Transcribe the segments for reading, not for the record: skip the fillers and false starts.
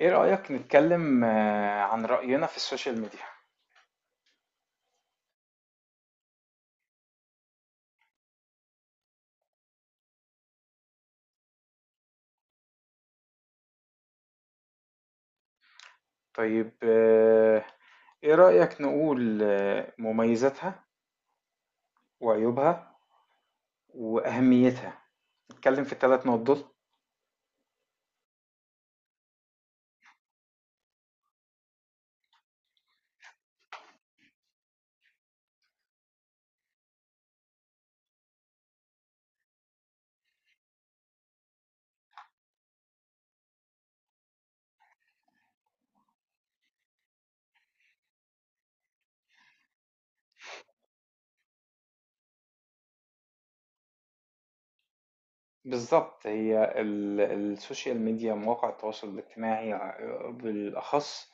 ايه رأيك نتكلم عن رأينا في السوشيال ميديا؟ طيب. ايه رأيك نقول مميزاتها وعيوبها وأهميتها؟ نتكلم في الثلاث نقط دول. بالظبط. هي السوشيال ميديا، مواقع التواصل الاجتماعي بالأخص،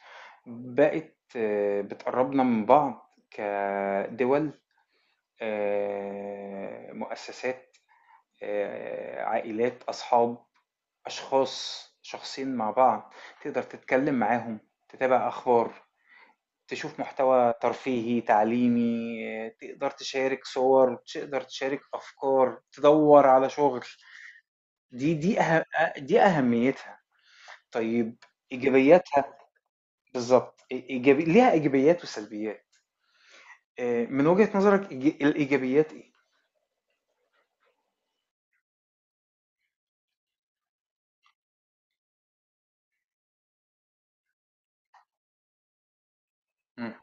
بقت بتقربنا من بعض، كدول مؤسسات، عائلات، أصحاب، أشخاص، شخصين مع بعض. تقدر تتكلم معاهم، تتابع أخبار، تشوف محتوى ترفيهي، تعليمي، تقدر تشارك صور، تقدر تشارك أفكار، تدوّر على شغل. دي أه أ دي أهميتها. طيب، إيجابياتها. بالضبط. إيجابي، ليها إيجابيات وسلبيات. من وجهة نظرك الإيجابيات إيه؟ إمم.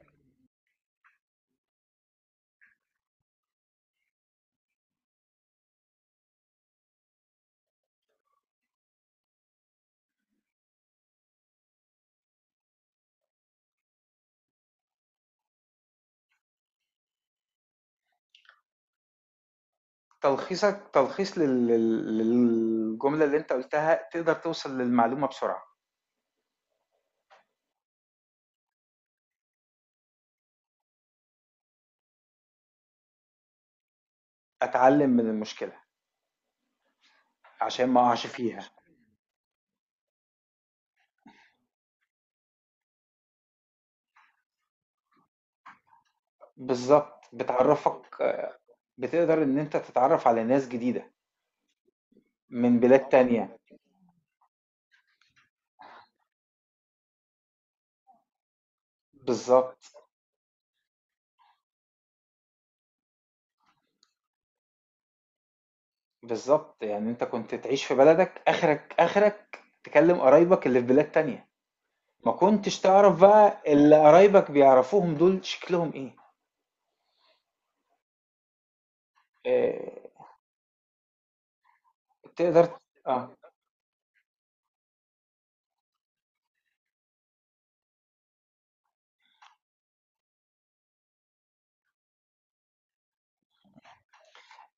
تلخيصك تلخيص لل لل للجملة اللي أنت قُلتها. تقدر توصل للمعلومة بسرعة، أتعلم من المشكلة عشان ما اقعش فيها. بالظبط، بتعرفك. بتقدر ان انت تتعرف على ناس جديدة من بلاد تانية. بالظبط، بالظبط. يعني انت كنت تعيش في بلدك، اخرك تكلم قرايبك اللي في بلاد تانية. ما كنتش تعرف بقى اللي قرايبك بيعرفوهم دول شكلهم ايه. آه، تقدر. اه.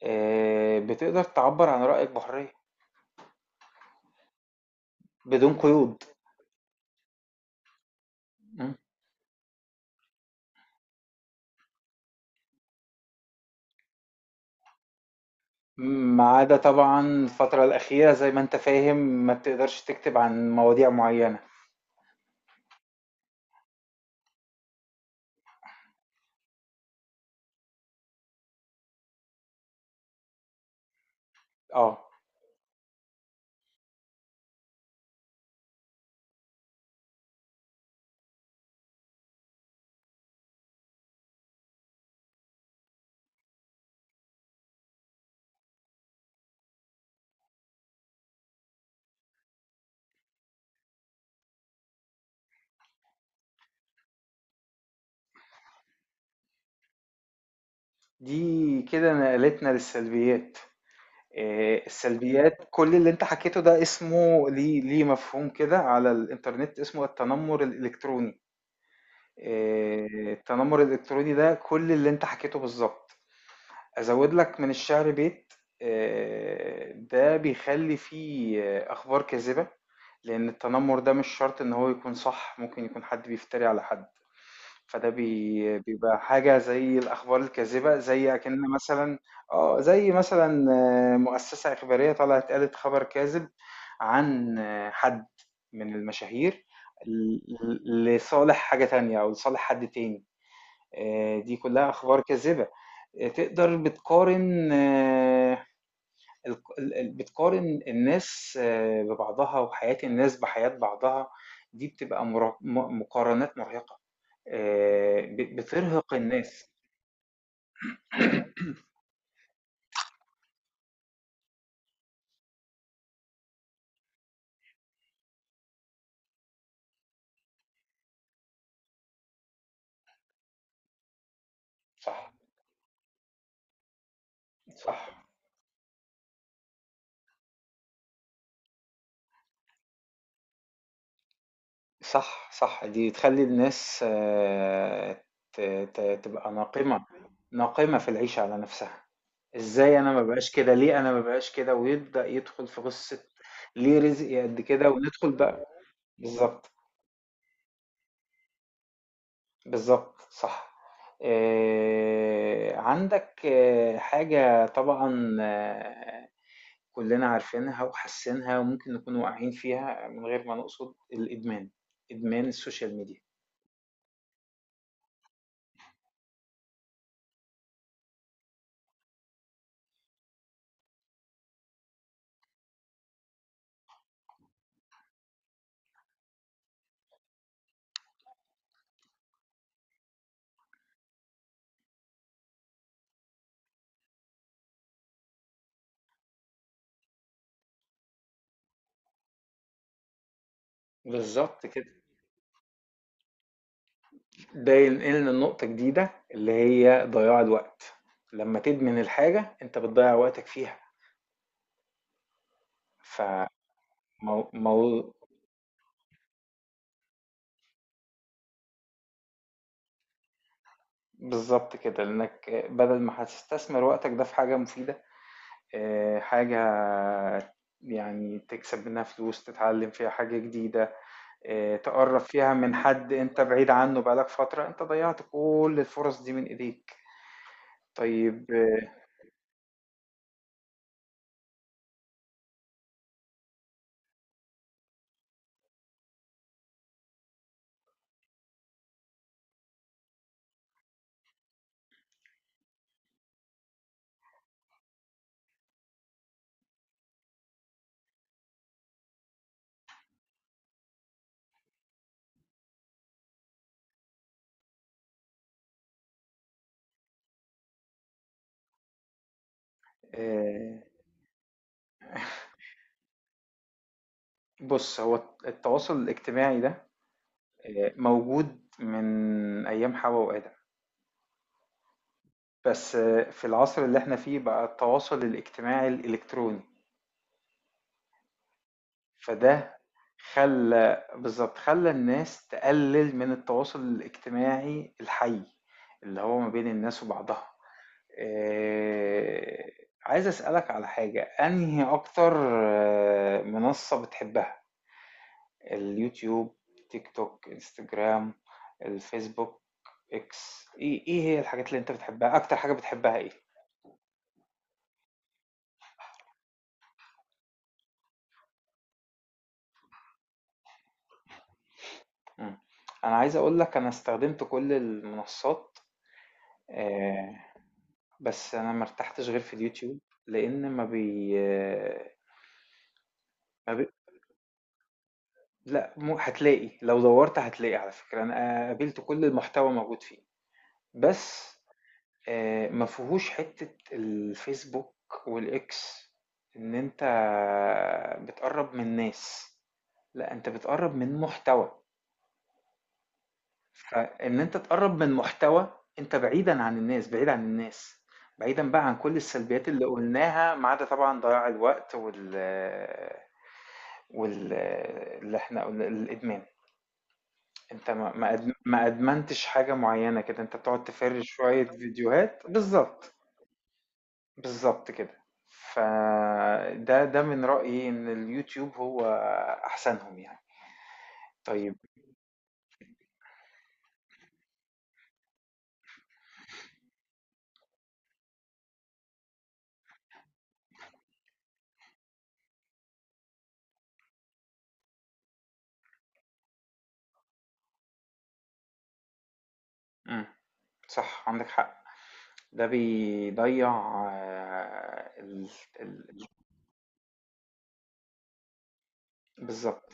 بتقدر تعبر عن رأيك بحرية، بدون قيود. م. ما عدا طبعا الفترة الأخيرة، زي ما انت فاهم، ما بتقدرش تكتب عن مواضيع معينة. اه. دي كده نقلتنا للسلبيات. السلبيات. كل اللي انت حكيته ده اسمه ليه مفهوم كده على الانترنت، اسمه التنمر الالكتروني. آه، التنمر الالكتروني ده كل اللي انت حكيته بالظبط. ازود لك من الشعر بيت. ده بيخلي فيه اخبار كاذبة. لان التنمر ده مش شرط ان هو يكون صح، ممكن يكون حد بيفتري على حد. بيبقى حاجة زي الأخبار الكاذبة، زي أكن مثلا. اه، زي مثلا مؤسسة إخبارية طلعت قالت خبر كاذب عن حد من المشاهير، ل- لصالح حاجة تانية أو لصالح حد تاني. دي كلها أخبار كاذبة. تقدر بتقارن. آه، الق ال ال بتقارن الناس ببعضها، وحياة الناس بحياة بعضها. دي بتبقى مر م مقارنات مرهقة، ب بترهق الناس. صح، صح، صح، صح. دي تخلّي الناس آه، ت ت تبقى ناقمة، ناقمة في العيشة على نفسها. إزاي أنا ما أبقاش كده، ليه أنا ما أبقاش كده، ويبدأ يدخل في قصة ليه رزقي قد كده، وندخل بقى. بالضبط. بالضبط، صح. عندك حاجة طبعًا كُلّنا عارفينها وحاسينها وممكن نكون واقعين فيها من غير ما نقصد، الإدمان، إدمان السوشيال ميديا. بالضبط كده. ده ينقلنا لنقطة جديدة اللي هي ضياع الوقت. لمّا تدمن الحاجة أنت بتضيّع وقتك فيها. ف مو مو بالضبط كده، لإنّك بدل ما هتستثمر وقتك ده في حاجة مفيدة، حاجة يعني تكسب منها فلوس، تتعلم فيها حاجة جديدة، تقرب فيها من حد انت بعيد عنه بقالك فترة، انت ضيعت كل الفرص دي من ايديك. طيب. آه، بص، هو التواصل الاجتماعي ده موجود من ايام حواء وآدم، بس في العصر اللي احنا فيه بقى التواصل الاجتماعي الالكتروني. فده خلّى بالضبط، خلّى الناس تقلِّل من التواصل الاجتماعي الحَي، اللي هو ما بين الناس وبعضها. آآ عايز أسألك على حاجة. أنهي أكتر منصّة بتحبها؟ اليوتيوب، تيك توك، إنستجرام، الفيسبوك، إكس، إيه هي الحاجات اللي أنت بتحبها؟ أكتر حاجة بتحبها إيه؟ إمم. أنا عايز أقول لك، أنا استخدمت كل المنصّات. آآ بس انا ما ارتحتش غير في اليوتيوب. لان ما بي ما بي... لا، مو هتلاقي. لو دورت هتلاقي، على فكرة، انا قابلت كل المحتوى موجود فيه. بس ما فيهوش حتة الفيسبوك والاكس ان انت بتقرب من ناس. لا، انت بتقرب من محتوى. فان انت تقرب من محتوى، انت بعيد عن الناس، بعيدا بقى عن كل السلبيات اللي قلناها، ما عدا طبعا ضياع الوقت وال وال اللي احنا قلنا الادمان. انت ما ما أد- ما ادمنتش حاجه معينه كده، انت بتقعد تفرج شويه فيديوهات بالظبط. بالظبط كده. فده من رايي ان اليوتيوب هو احسنهم يعني. طيب. امم. صح، عندك حق. ده بيضيع آه، ال... ال... ال- بالظبط.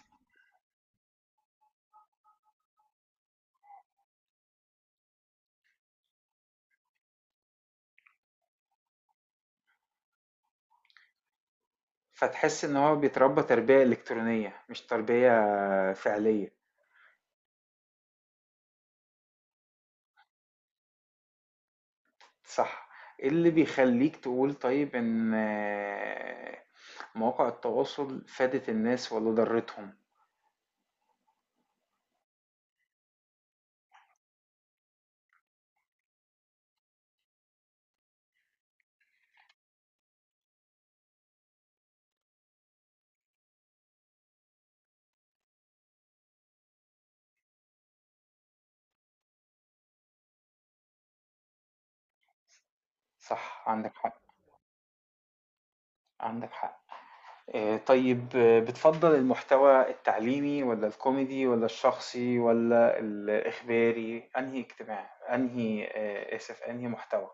فتحس ان هو بيتربى تربيه الكترونيه مش تربيه فعليه. صح. ايه اللي بيخليك تقول طيب ان مواقع التواصل فادت الناس ولا ضرتهم؟ صح، عندك حق، عندك حق. طيب. بتفضل المحتوى التعليمي ولا الكوميدي ولا الشخصي ولا الإخباري؟ أنهي أنهي آسف، أنهي محتوى؟